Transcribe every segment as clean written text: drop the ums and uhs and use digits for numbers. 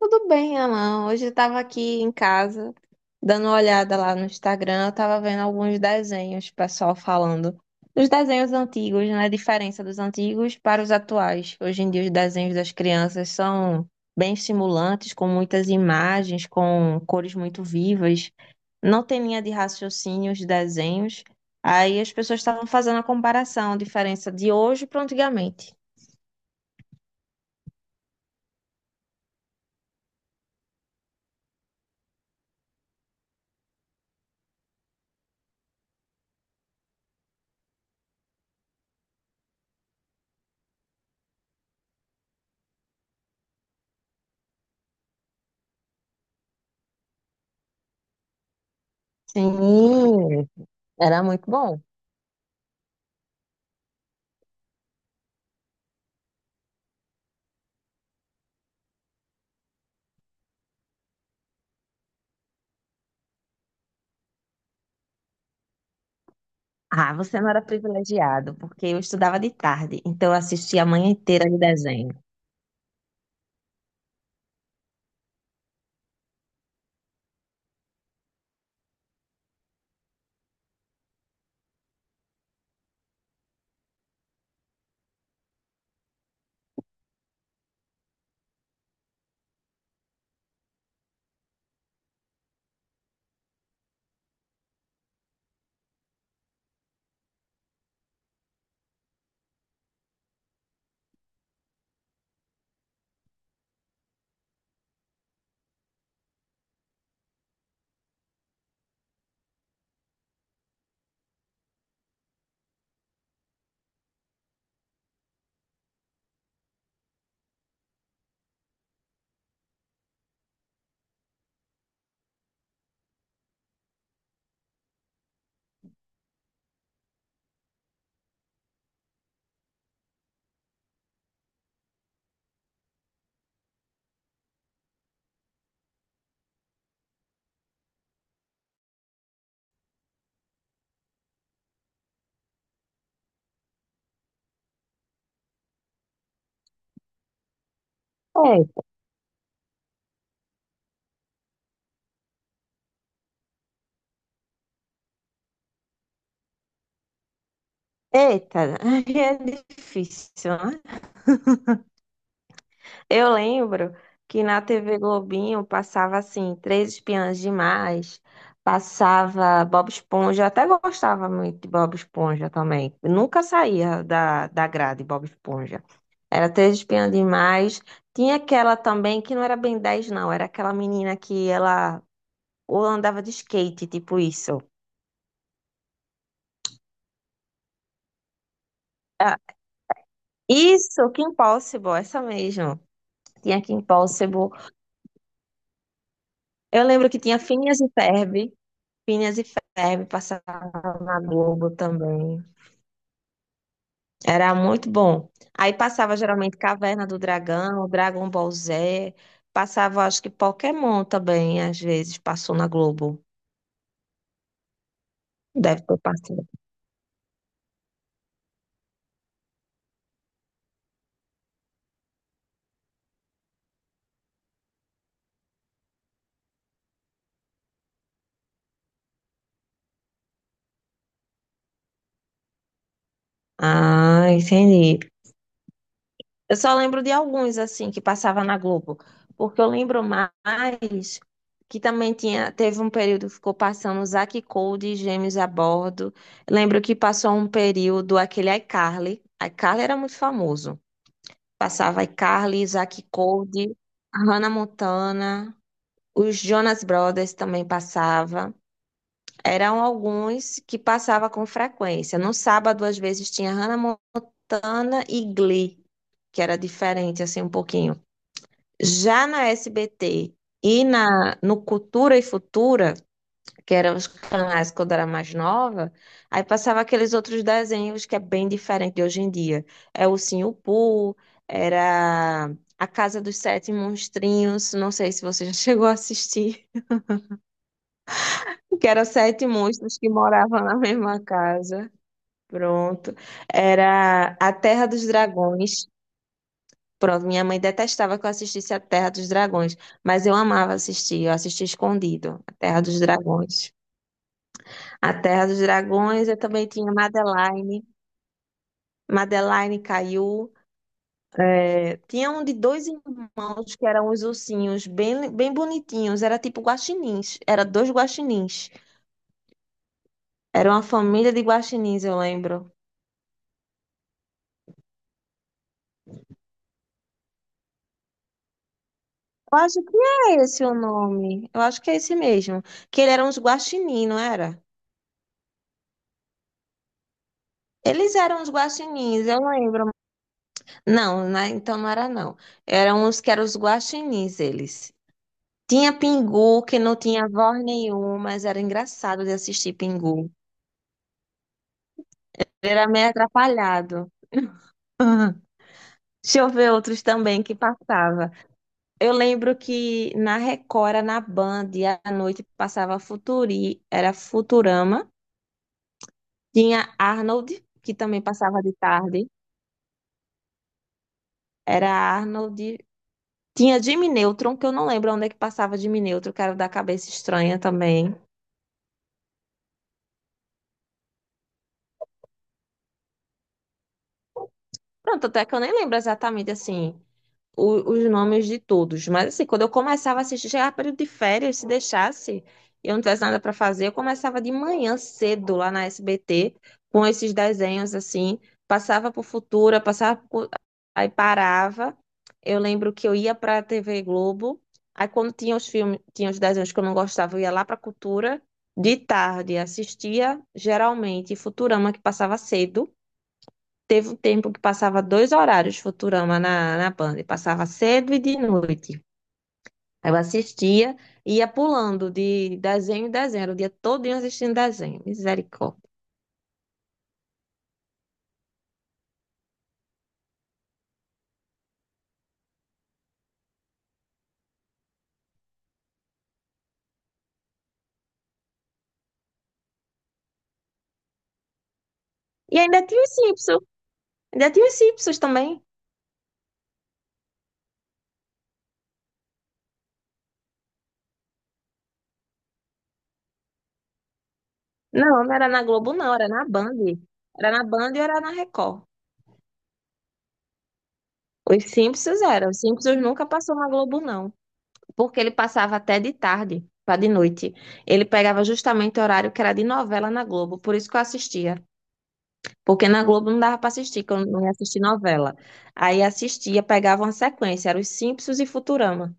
Tudo bem, Alan. Hoje eu estava aqui em casa, dando uma olhada lá no Instagram, eu estava vendo alguns desenhos, pessoal falando. Os desenhos antigos, né? A diferença dos antigos para os atuais. Hoje em dia, os desenhos das crianças são bem estimulantes, com muitas imagens, com cores muito vivas. Não tem linha de raciocínio os desenhos. Aí as pessoas estavam fazendo a comparação, a diferença de hoje para antigamente. Sim, era muito bom. Ah, você não era privilegiado, porque eu estudava de tarde, então eu assistia a manhã inteira de desenho. É, eita, aí é difícil, né? Eu lembro que na TV Globinho passava assim, Três Espiãs Demais, passava Bob Esponja, eu até gostava muito de Bob Esponja também. Eu nunca saía da grade Bob Esponja. Era Três Espiãs Demais. Tinha aquela também que não era bem 10, não, era aquela menina que ela ou andava de skate, tipo isso. Isso, Kim Possible, essa mesmo. Tinha Kim Possible. Eu lembro que tinha Phineas e Ferb. Phineas e Ferb passava na Globo também. Era muito bom. Aí passava geralmente Caverna do Dragão, Dragon Ball Z. Passava, acho que Pokémon também, às vezes, passou na Globo. Deve ter passado. Ah, entendi. Eu só lembro de alguns, assim, que passava na Globo. Porque eu lembro mais que também tinha, teve um período que ficou passando Zack e Cody, Gêmeos a Bordo. Lembro que passou um período aquele iCarly. iCarly era muito famoso. Passava iCarly, Zack e Cody, Hannah Montana, os Jonas Brothers também passava. Eram alguns que passava com frequência. No sábado, às vezes, tinha Hannah Montana e Glee, que era diferente, assim, um pouquinho. Já na SBT e no Cultura e Futura, que eram os canais quando eu era mais nova, aí passava aqueles outros desenhos que é bem diferente de hoje em dia. É o Ursinho Pooh, era A Casa dos Sete Monstrinhos, não sei se você já chegou a assistir, que eram sete monstros que moravam na mesma casa. Pronto. Era A Terra dos Dragões, pronto, minha mãe detestava que eu assistisse a Terra dos Dragões, mas eu amava assistir, eu assisti escondido, a Terra dos Dragões. A Terra dos Dragões, eu também tinha Madeline, Madeline Caillou, é, tinha um de dois irmãos que eram os ursinhos, bem, bem bonitinhos, era tipo guaxinins, era dois guaxinins, era uma família de guaxinins, eu lembro. Eu acho que é esse o nome, eu acho que é esse mesmo, que eles eram uns guaxinins, não era? Eles eram uns guaxinins, eu lembro, não, então não era não. Eram os que eram os guaxinins, eles. Tinha Pingu, que não tinha voz nenhuma, mas era engraçado de assistir Pingu. Ele era meio atrapalhado. Aham. Deixa eu ver outros também que passava. Eu lembro que na Record, era na Band, e à noite passava Futuri, era Futurama. Tinha Arnold, que também passava de tarde. Era Arnold. Tinha Jimmy Neutron, que eu não lembro onde é que passava Jimmy Neutron, que era o da cabeça estranha também. Pronto, até que eu nem lembro exatamente assim os nomes de todos, mas assim, quando eu começava a assistir, chegava período de férias, se deixasse, e eu não tivesse nada para fazer, eu começava de manhã cedo lá na SBT com esses desenhos assim, passava por Futura, passava por... aí parava. Eu lembro que eu ia para a TV Globo, aí quando tinha os filmes, tinha os desenhos que eu não gostava, eu ia lá para Cultura de tarde, assistia geralmente Futurama que passava cedo. Teve um tempo que passava dois horários Futurama na Band, passava cedo e de noite. Aí eu assistia e ia pulando de desenho em desenho, era o dia todinho assistindo desenho, misericórdia. E ainda tinha os Simpsons, ainda tinha os Simpsons também. Não, não era na Globo, não, era na Band. Era na Band e era na Record. Os Simpsons eram, os Simpsons nunca passou na Globo, não, porque ele passava até de tarde para de noite. Ele pegava justamente o horário que era de novela na Globo, por isso que eu assistia. Porque na Globo não dava para assistir, que eu não ia assistir novela. Aí assistia, pegava uma sequência, era os Simpsons e Futurama.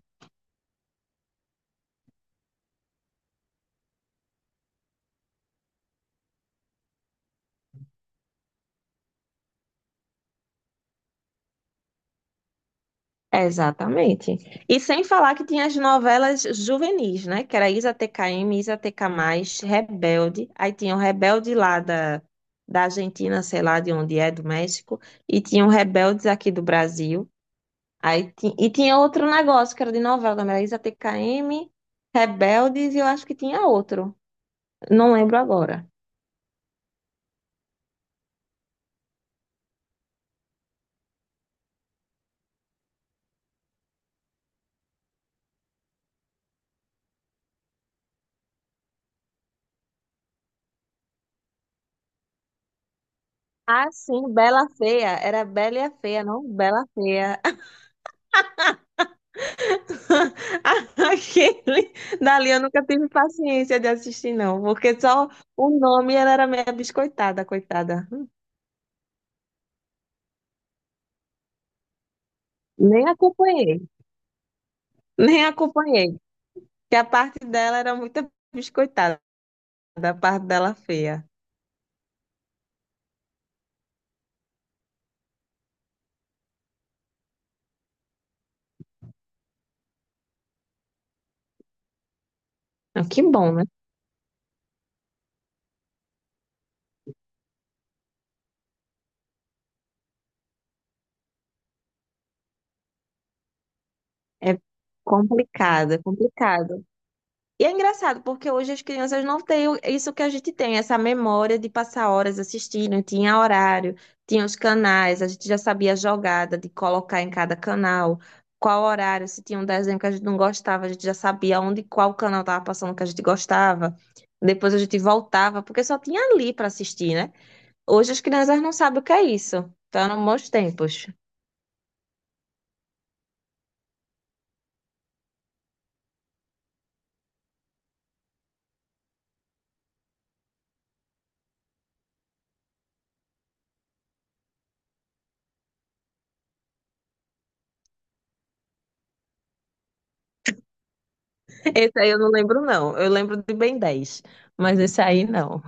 Exatamente. E sem falar que tinha as novelas juvenis, né? Que era Isa TKM, Isa TK+, Rebelde. Aí tinha o Rebelde lá da Argentina, sei lá de onde é, do México. E tinha o Rebeldes aqui do Brasil. Aí e tinha outro negócio que era de novela também, era Isa TKM, Rebeldes e eu acho que tinha outro. Não lembro agora. Ah, sim, Bela Feia. Era Bela e a Feia, não Bela Feia. Aquele dali eu nunca tive paciência de assistir, não, porque só o nome ela era meio biscoitada, coitada. Nem acompanhei, nem acompanhei, que a parte dela era muito biscoitada, a parte dela feia. Ah, que bom, né? É complicado, é complicado. E é engraçado, porque hoje as crianças não têm isso que a gente tem, essa memória de passar horas assistindo, tinha horário, tinha os canais, a gente já sabia a jogada de colocar em cada canal, qual horário, se tinha um desenho que a gente não gostava, a gente já sabia onde, qual canal estava passando que a gente gostava. Depois a gente voltava, porque só tinha ali para assistir, né? Hoje as crianças não sabem o que é isso. Então eram bons tempos. Esse aí eu não lembro, não. Eu lembro de Ben 10 mas esse aí não.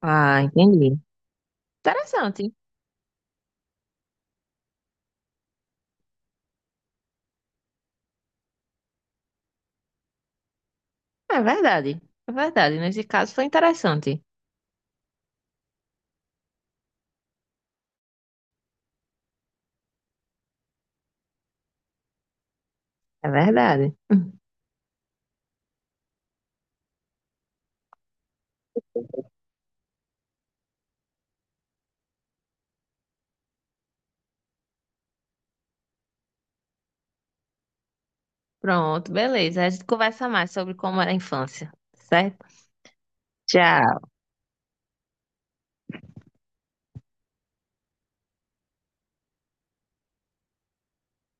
Ah, entendi. Interessante. É verdade. É verdade. Nesse caso foi interessante. É verdade. Pronto, beleza. A gente conversa mais sobre como era a infância, certo? Tchau.